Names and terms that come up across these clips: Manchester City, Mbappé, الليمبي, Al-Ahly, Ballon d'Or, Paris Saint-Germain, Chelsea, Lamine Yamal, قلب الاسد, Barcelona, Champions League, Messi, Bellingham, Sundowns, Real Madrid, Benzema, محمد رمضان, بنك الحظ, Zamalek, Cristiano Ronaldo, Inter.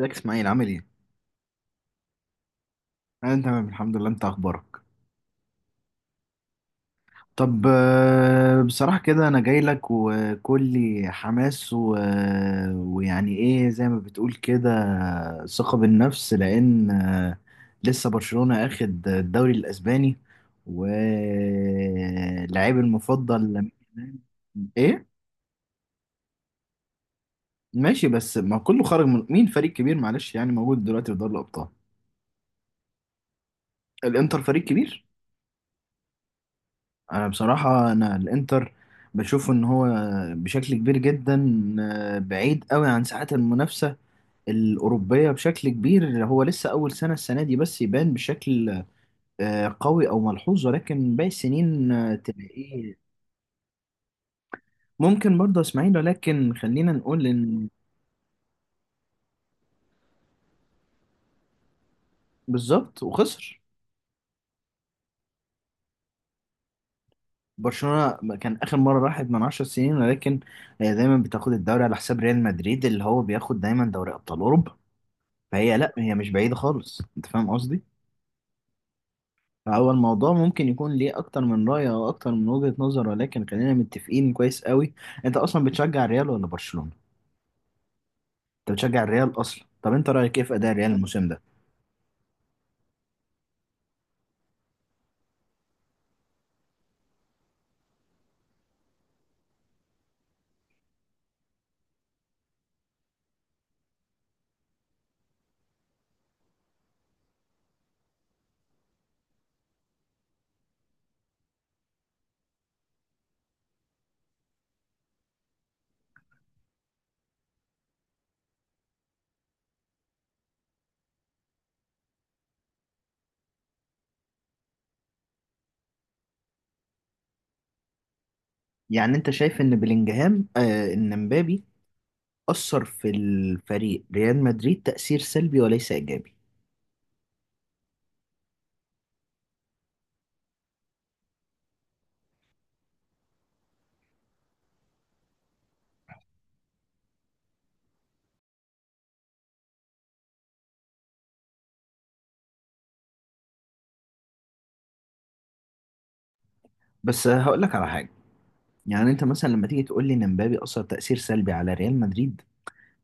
ازيك اسماعيل؟ عامل ايه؟ انا تمام الحمد لله. انت اخبارك؟ طب بصراحة كده انا جاي لك وكلي حماس ويعني ايه زي ما بتقول كده، ثقة بالنفس لان لسه برشلونة اخد الدوري الاسباني ولاعيب المفضل لامين يامال. ايه؟ ماشي، بس ما كله خرج. من مين فريق كبير؟ معلش، يعني موجود دلوقتي في دوري الابطال. الانتر فريق كبير. انا بصراحة انا الانتر بشوف ان هو بشكل كبير جدا بعيد قوي عن ساعات المنافسة الأوروبية بشكل كبير. هو لسه أول سنة، السنة دي بس يبان بشكل قوي أو ملحوظ، ولكن باقي السنين تلاقيه. ممكن برضه إسماعيل، ولكن خلينا نقول إن بالظبط وخسر. برشلونة كان آخر مرة راحت من 10 سنين، ولكن هي دايما بتاخد الدوري على حساب ريال مدريد اللي هو بياخد دايما دوري أبطال أوروبا. فهي لا، هي مش بعيدة خالص. أنت فاهم قصدي؟ هو الموضوع ممكن يكون ليه اكتر من رأي او اكتر من وجهة نظر، ولكن خلينا متفقين كويس قوي. انت اصلا بتشجع الريال ولا برشلونة؟ انت بتشجع الريال اصلا. طب انت رأيك ايه في اداء الريال الموسم ده؟ يعني انت شايف ان بلينجهام ان مبابي اثر في الفريق ريال مدريد تأثير سلبي وليس ايجابي؟ بس هقول لك على حاجة. يعني انت مثلا لما تيجي تقول لي ان مبابي اثر تأثير سلبي على ريال مدريد،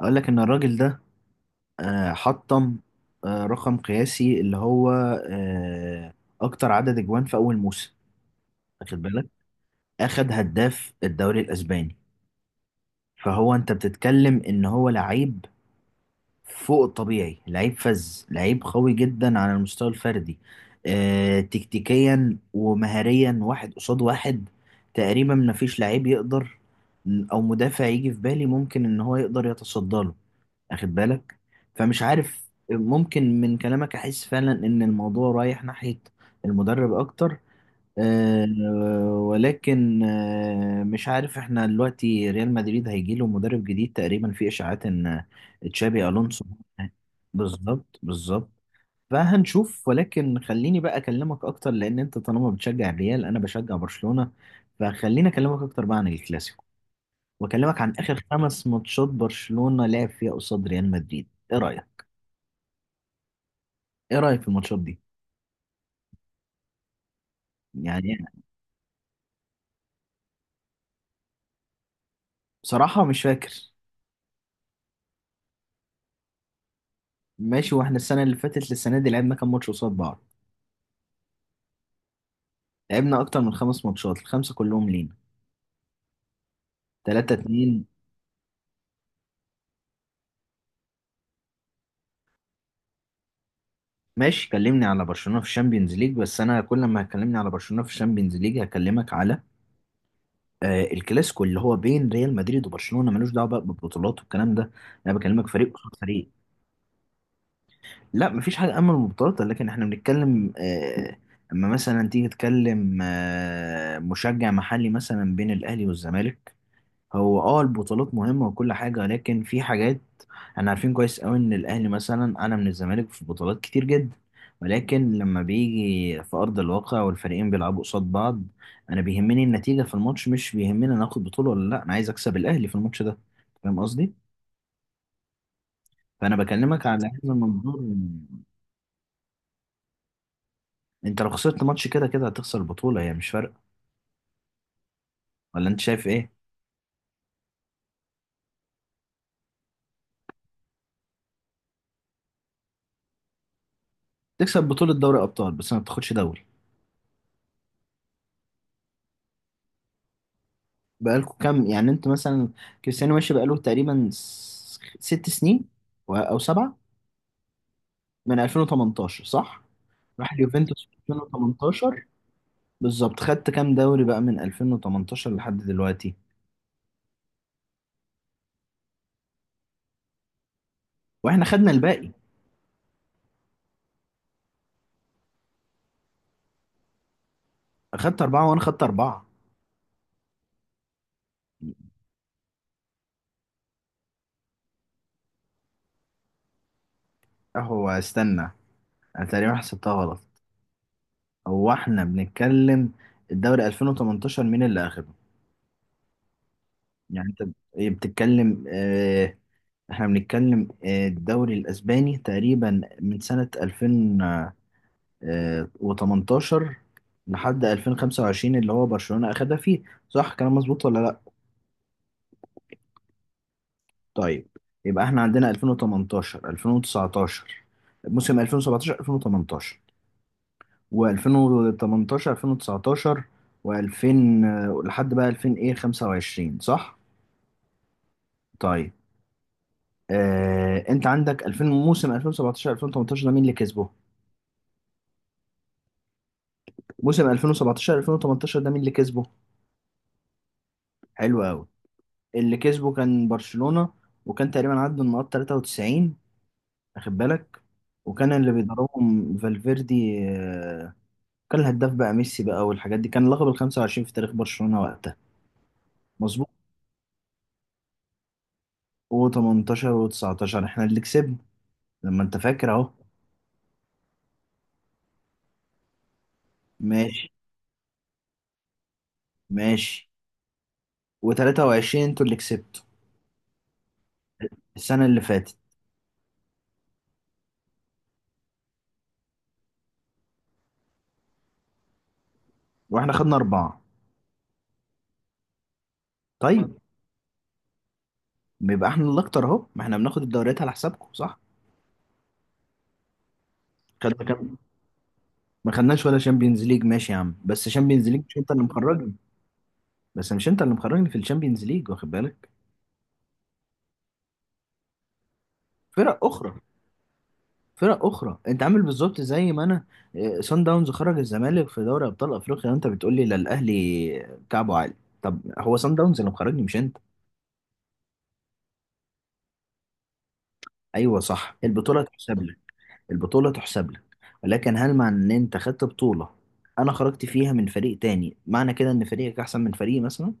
اقول لك ان الراجل ده حطم رقم قياسي اللي هو آه، اكتر عدد اجوان في اول موسم، واخد بالك؟ اخد هداف الدوري الاسباني. فهو انت بتتكلم ان هو لعيب فوق الطبيعي، لعيب فذ، لعيب قوي جدا على المستوى الفردي. تكتيكيا ومهاريا واحد قصاد واحد تقريبا مفيش لعيب يقدر او مدافع يجي في بالي ممكن ان هو يقدر يتصدى له، واخد بالك؟ فمش عارف، ممكن من كلامك احس فعلا ان الموضوع رايح ناحية المدرب اكتر. آه، ولكن مش عارف، احنا دلوقتي ريال مدريد هيجي له مدرب جديد تقريبا في اشاعات ان تشابي الونسو. بالظبط بالظبط. فهنشوف، ولكن خليني بقى اكلمك اكتر لان انت طالما بتشجع الريال انا بشجع برشلونة. فخليني اكلمك اكتر بقى عن الكلاسيكو، واكلمك عن اخر 5 ماتشات برشلونة لعب فيها قصاد ريال مدريد. ايه رايك؟ ايه رايك في الماتشات دي؟ يعني أنا بصراحة مش فاكر. ماشي، واحنا السنة اللي فاتت للسنة دي لعبنا كام ماتش قصاد بعض؟ لعبنا اكتر من خمس ماتشات، الخمسة كلهم لينا. 3-2. ماشي، كلمني على برشلونة في الشامبيونز ليج، بس انا كل ما هتكلمني على برشلونة في الشامبيونز ليج هكلمك على الكلاسيكو اللي هو بين ريال مدريد وبرشلونة، ملوش دعوة بقى بالبطولات والكلام ده. انا بكلمك فريق قصاد فريق. لا مفيش حاجة أمن مبتكرة، لكن احنا بنتكلم أما مثلا تيجي تتكلم مشجع محلي مثلا بين الأهلي والزمالك، هو اه البطولات مهمة وكل حاجة، لكن في حاجات. احنا عارفين كويس أوي إن الأهلي مثلا أعلى من الزمالك في بطولات كتير جدا، ولكن لما بيجي في أرض الواقع والفريقين بيلعبوا قصاد بعض أنا بيهمني النتيجة في الماتش، مش بيهمني أنا آخد بطولة ولا لأ، أنا عايز أكسب الأهلي في الماتش ده. فاهم قصدي؟ فأنا بكلمك على هذا المنظور. انت لو خسرت ماتش كده كده هتخسر البطولة، هي مش فارقة. ولا انت شايف ايه؟ تكسب بطولة دوري ابطال بس ما بتاخدش دوري. بقالكوا كام؟ يعني انت مثلا كريستيانو ماشي بقاله تقريبا 6 سنين او سبعة. من 2018 صح؟ راح اليوفنتوس في 2018. بالظبط، خدت كام دوري بقى من 2018 لحد دلوقتي؟ واحنا خدنا الباقي. اخدت أربعة وانا خدت أربعة. هو استنى، انا تقريبا حسبتها غلط. هو احنا بنتكلم الدوري 2018 مين اللي اخده؟ يعني انت ايه بتتكلم احنا بنتكلم الدوري الاسباني تقريبا من سنة 2018 لحد 2025 اللي هو برشلونة اخدها فيه. صح، كلام مظبوط ولا لا؟ طيب. يبقى احنا عندنا 2018 2019، موسم 2017 2018 و2018 2019 و2000 لحد بقى 2000 ايه 25، صح؟ طيب. انت عندك 2000 موسم 2017 2018 ده مين اللي كسبه؟ موسم 2017 2018 ده مين اللي كسبه؟ حلو قوي. اللي كسبه كان برشلونة، وكان تقريبا عدى النقاط 93، واخد بالك؟ وكان اللي بيدربهم فالفيردي. كان الهداف بقى ميسي بقى، والحاجات دي كان لقب ال 25 في تاريخ برشلونة وقتها. مظبوط. و18 و19 احنا اللي كسبنا، لما انت فاكر اهو. ماشي ماشي. و23 انتوا اللي كسبتوا، السنة اللي فاتت. واحنا خدنا أربعة. طيب، بيبقى احنا الاكتر اهو، ما احنا بناخد الدوريات على حسابكم، صح؟ خدنا كام؟ ما خدناش ولا شامبيونز ليج، ماشي يا عم، بس شامبيونز ليج مش انت اللي مخرجني. بس مش انت اللي مخرجني في الشامبيونز ليج، واخد بالك؟ فرق اخرى، فرق اخرى. انت عامل بالظبط زي ما انا اه، سان داونز خرج الزمالك في دوري ابطال افريقيا وانت بتقول لي لا الاهلي كعبه عالي. طب هو سان داونز اللي مخرجني مش انت. ايوه صح، البطوله تحسب لك، البطوله تحسب لك. ولكن هل مع ان انت خدت بطوله، انا خرجت فيها من فريق تاني، معنى كده ان فريقك احسن من فريقي مثلا؟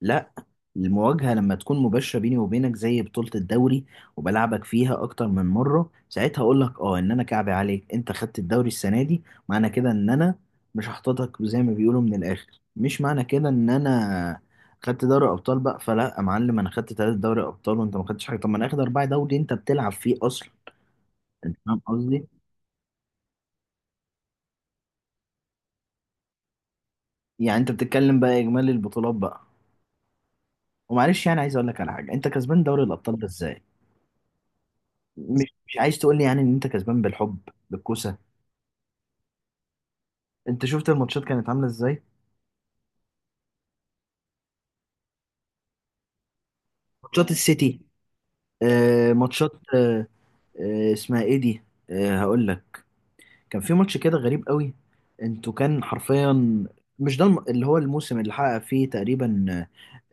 لا. المواجهة لما تكون مباشرة بيني وبينك زي بطولة الدوري وبلعبك فيها أكتر من مرة، ساعتها أقول لك أه إن أنا كعبي عليك. أنت خدت الدوري السنة دي، معنى كده إن أنا مش هحططك زي ما بيقولوا من الآخر؟ مش معنى كده إن أنا خدت دوري أبطال بقى، فلا يا معلم، أنا خدت 3 دوري أبطال وأنت ما خدتش حاجة. طب ما أنا آخد 4 دوري أنت بتلعب فيه أصلا. أنت فاهم قصدي؟ يعني أنت بتتكلم بقى إجمالي البطولات بقى. ومعلش يعني عايز أقول لك على حاجة، أنت كسبان دوري الأبطال ده إزاي؟ مش عايز تقول لي يعني ان انت كسبان بالحب بالكوسه؟ انت شفت الماتشات كانت عامله ازاي؟ ماتشات السيتي. ماتشات اسمها ايه دي؟ هقول لك. كان في ماتش كده غريب قوي. انتوا كان حرفيا، مش ده اللي هو الموسم اللي حقق فيه تقريبا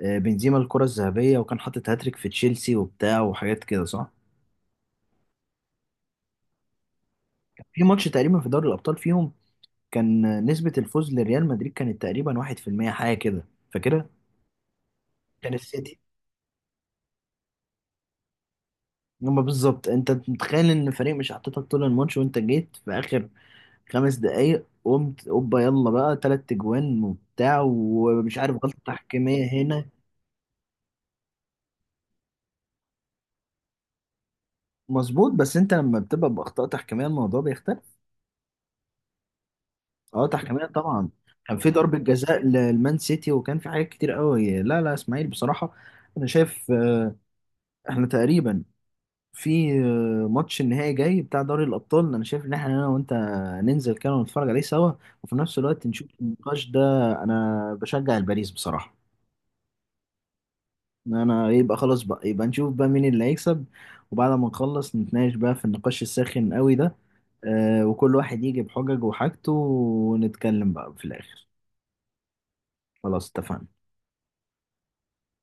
بنزيما الكرة الذهبية وكان حاطط هاتريك في تشيلسي وبتاع وحاجات كده، صح؟ كان في ماتش تقريبا في دوري الأبطال فيهم كان نسبة الفوز لريال مدريد كانت تقريبا 1% حاجة كده، فاكرها؟ كان السيتي. هما بالظبط، انت متخيل ان الفريق مش حاططك طول الماتش وانت جيت في اخر 5 دقايق قمت اوبا يلا بقى تلات اجوان وبتاع، ومش عارف غلطة تحكيمية هنا. مظبوط، بس انت لما بتبقى باخطاء تحكيمية الموضوع بيختلف. اه تحكيمية طبعا. كان في ضربة جزاء للمان سيتي وكان في حاجات كتير قوي. لا لا اسماعيل بصراحة، انا شايف احنا تقريبا في ماتش النهائي جاي بتاع دوري الأبطال، أنا شايف إن إحنا أنا وأنت ننزل كده ونتفرج عليه سوا، وفي نفس الوقت نشوف النقاش ده. أنا بشجع الباريس بصراحة. إن أنا يبقى خلاص بقى، يبقى نشوف بقى مين اللي هيكسب، وبعد ما نخلص نتناقش بقى في النقاش الساخن قوي ده، وكل واحد يجي بحجج وحاجته ونتكلم بقى في الآخر. خلاص اتفقنا.